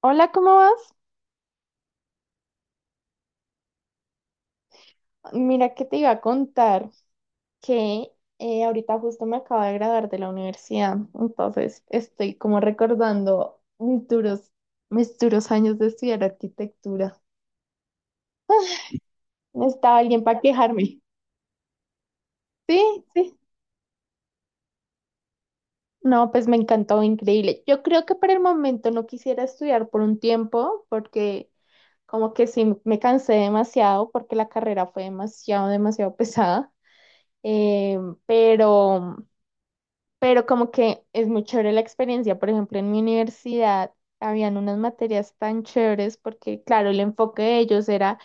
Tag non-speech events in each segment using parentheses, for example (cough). Hola, ¿cómo vas? Mira que te iba a contar que ahorita justo me acabo de graduar de la universidad, entonces estoy como recordando mis duros años de estudiar arquitectura. ¿Estaba alguien para quejarme? Sí, sí. No, pues me encantó, increíble. Yo creo que por el momento no quisiera estudiar por un tiempo porque como que sí me cansé demasiado porque la carrera fue demasiado, demasiado pesada, eh, pero... pero como que es muy chévere la experiencia. Por ejemplo, en mi universidad habían unas materias tan chéveres porque, claro, el enfoque de ellos era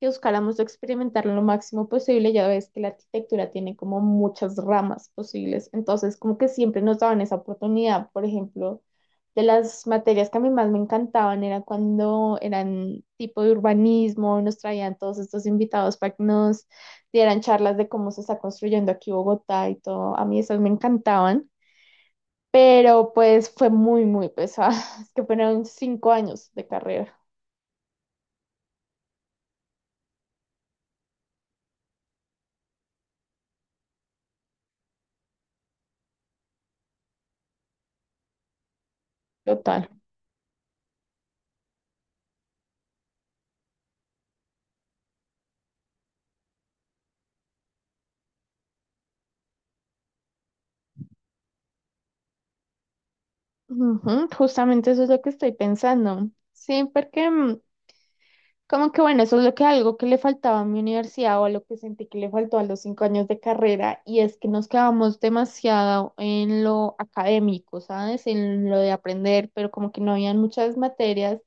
que buscáramos experimentar lo máximo posible. Ya ves que la arquitectura tiene como muchas ramas posibles, entonces como que siempre nos daban esa oportunidad. Por ejemplo, de las materias que a mí más me encantaban era cuando eran tipo de urbanismo, nos traían todos estos invitados para que nos dieran charlas de cómo se está construyendo aquí Bogotá y todo. A mí esas me encantaban, pero pues fue muy, muy pesada. (laughs) Es que fueron 5 años de carrera total. Ujú, justamente eso es lo que estoy pensando. Sí, porque como que bueno, eso es lo que algo que le faltaba a mi universidad o a lo que sentí que le faltó a los 5 años de carrera y es que nos quedamos demasiado en lo académico, ¿sabes? En lo de aprender, pero como que no habían muchas materias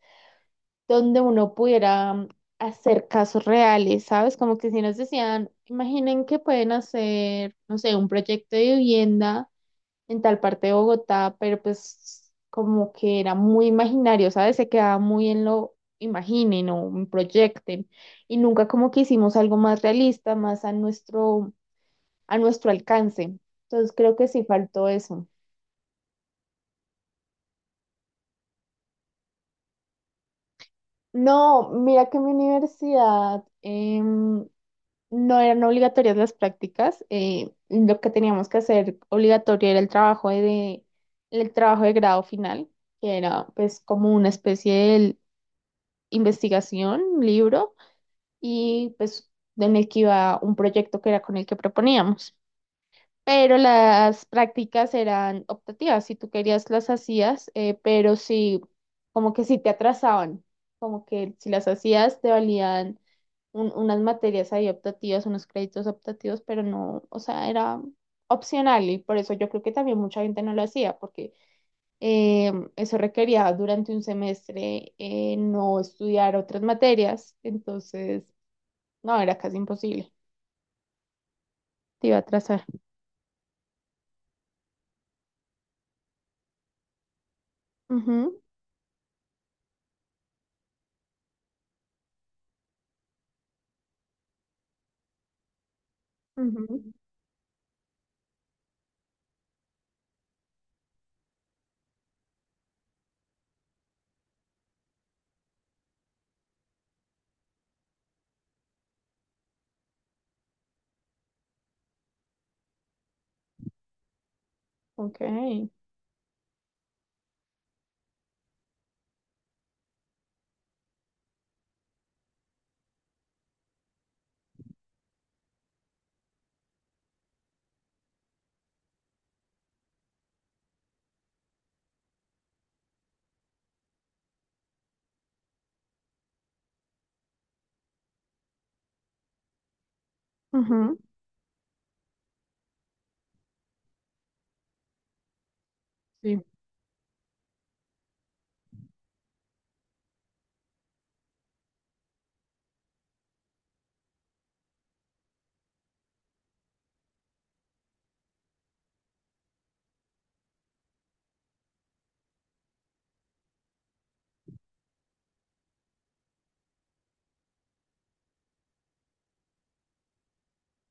donde uno pudiera hacer casos reales, ¿sabes? Como que si nos decían, imaginen que pueden hacer, no sé, un proyecto de vivienda en tal parte de Bogotá, pero pues como que era muy imaginario, ¿sabes? Se quedaba muy en lo imaginen o proyecten y nunca como que hicimos algo más realista, más a nuestro alcance. Entonces creo que sí faltó eso. No, mira que mi universidad, no eran obligatorias las prácticas, lo que teníamos que hacer obligatorio era el trabajo de grado final, que era pues como una especie de investigación, un libro, y pues en el que iba un proyecto que era con el que proponíamos, pero las prácticas eran optativas, si tú querías las hacías, pero sí, como que sí te atrasaban, como que si las hacías te valían unas materias ahí optativas, unos créditos optativos, pero no, o sea, era opcional y por eso yo creo que también mucha gente no lo hacía, porque eso requería durante un semestre no estudiar otras materias, entonces, no, era casi imposible, te iba a atrasar. Ujú, ujú, ok. Ujú, sí.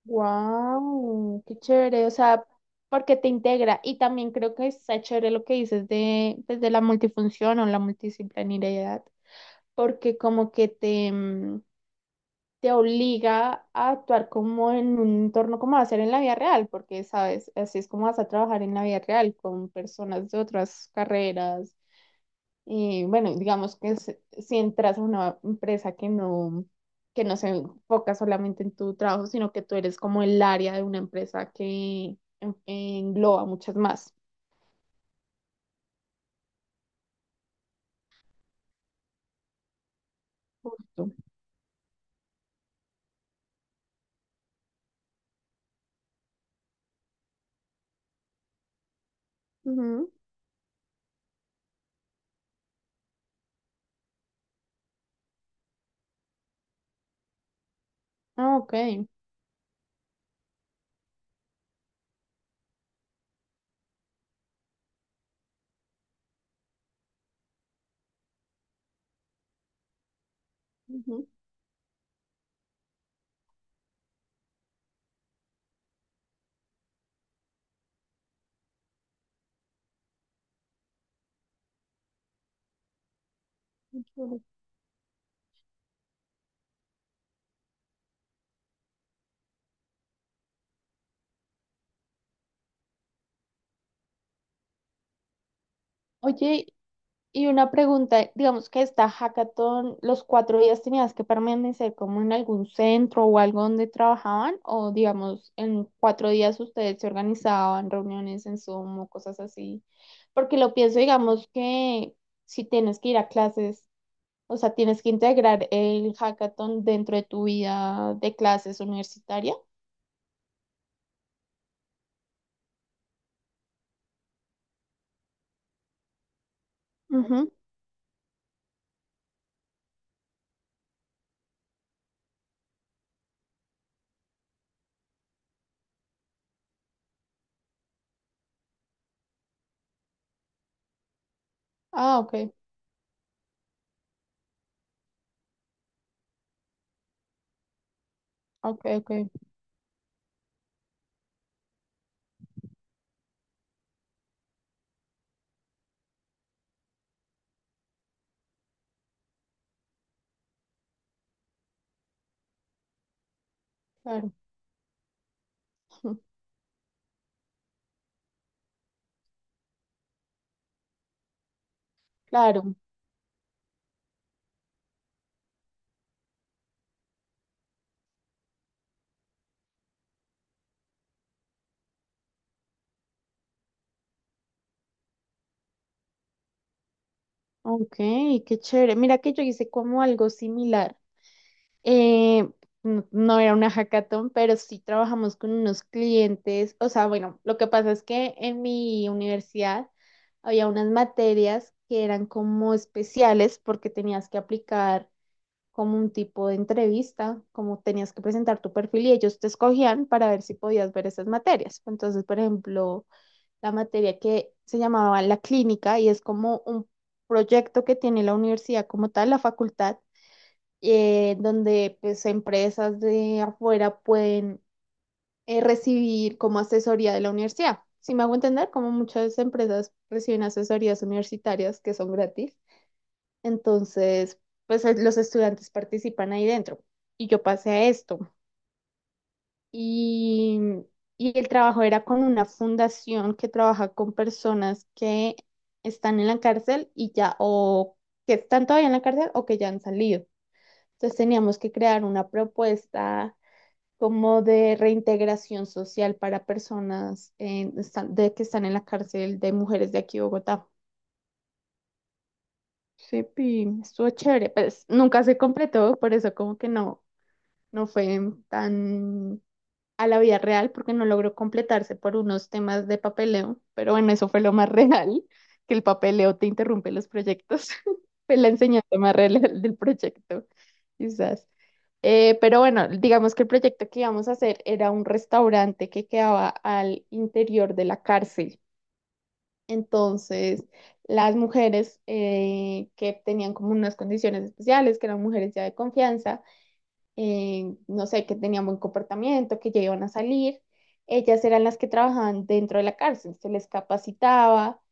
Wow, qué chévere, o sea, porque te integra y también creo que está chévere lo que dices de, pues, de la multifunción o la multidisciplinariedad, porque como que te, te obliga a actuar como en un entorno como va a ser en la vida real, porque sabes, así es como vas a trabajar en la vida real con personas de otras carreras. Y bueno, digamos que si entras a una empresa que no se enfoca solamente en tu trabajo, sino que tú eres como el área de una empresa que engloba muchas más. Justo. Ujú. Ah, ok. Ujú. Ujú. Oye, y una pregunta, digamos que esta hackathon, los 4 días tenías que permanecer como en algún centro o algo donde trabajaban, o digamos, en 4 días ustedes se organizaban reuniones en Zoom o cosas así. Porque lo pienso, digamos que si tienes que ir a clases, o sea, tienes que integrar el hackathon dentro de tu vida de clases universitaria. Ujú. Ah, ok, ok, ok, claro, (laughs) claro, ok, qué chévere. Mira que yo hice como algo similar. Eh, no, no era una hackathon, pero sí trabajamos con unos clientes. O sea, bueno, lo que pasa es que en mi universidad había unas materias que eran como especiales porque tenías que aplicar como un tipo de entrevista, como tenías que presentar tu perfil y ellos te escogían para ver si podías ver esas materias. Entonces, por ejemplo, la materia que se llamaba la clínica y es como un proyecto que tiene la universidad como tal, la facultad, donde pues empresas de afuera pueden recibir como asesoría de la universidad. Si me hago entender, como muchas empresas reciben asesorías universitarias que son gratis, entonces pues los estudiantes participan ahí dentro. Y yo pasé a esto. Y, y el trabajo era con una fundación que trabaja con personas que están en la cárcel y ya, o que están todavía en la cárcel o que ya han salido. Entonces teníamos que crear una propuesta como de reintegración social para personas de que están en la cárcel de mujeres de aquí de Bogotá. Sí, estuvo chévere, pues nunca se completó, por eso como que no, no fue tan a la vida real, porque no logró completarse por unos temas de papeleo, pero bueno, eso fue lo más (laughs) real, que el papeleo te interrumpe los proyectos, (laughs) fue la enseñanza más real del proyecto, quizás. Pero bueno, digamos que el proyecto que íbamos a hacer era un restaurante que quedaba al interior de la cárcel. Entonces, las mujeres que tenían como unas condiciones especiales, que eran mujeres ya de confianza, no sé, que tenían buen comportamiento, que ya iban a salir. Ellas eran las que trabajaban dentro de la cárcel, se les capacitaba,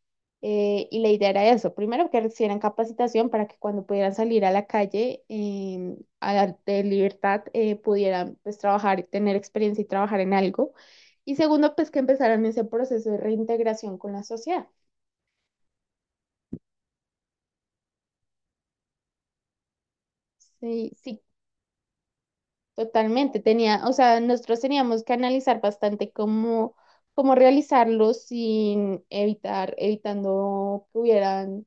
y la idea era eso, primero que recibieran capacitación para que cuando pudieran salir a la calle de libertad pudieran pues trabajar, tener experiencia y trabajar en algo. Y segundo, pues que empezaran ese proceso de reintegración con la sociedad. Sí, sí. Totalmente, tenía, o sea, nosotros teníamos que analizar bastante cómo, cómo realizarlo sin evitar, evitando que hubieran,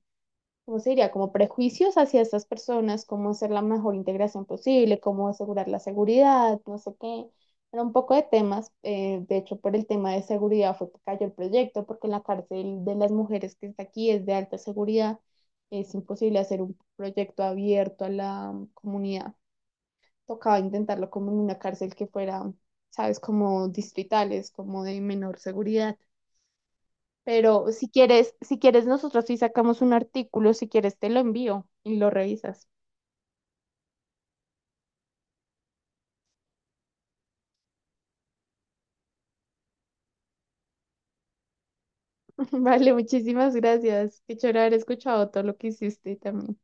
¿cómo se diría? Como prejuicios hacia estas personas, cómo hacer la mejor integración posible, cómo asegurar la seguridad, no sé qué. Era un poco de temas, de hecho, por el tema de seguridad fue que cayó el proyecto, porque la cárcel de las mujeres que está aquí es de alta seguridad, es imposible hacer un proyecto abierto a la comunidad, tocaba intentarlo como en una cárcel que fuera, sabes, como distritales, como de menor seguridad. Pero si quieres, si quieres, nosotros sí sacamos un artículo, si quieres te lo envío y lo revisas. (laughs) Vale, muchísimas gracias. Qué chévere haber escuchado todo lo que hiciste también.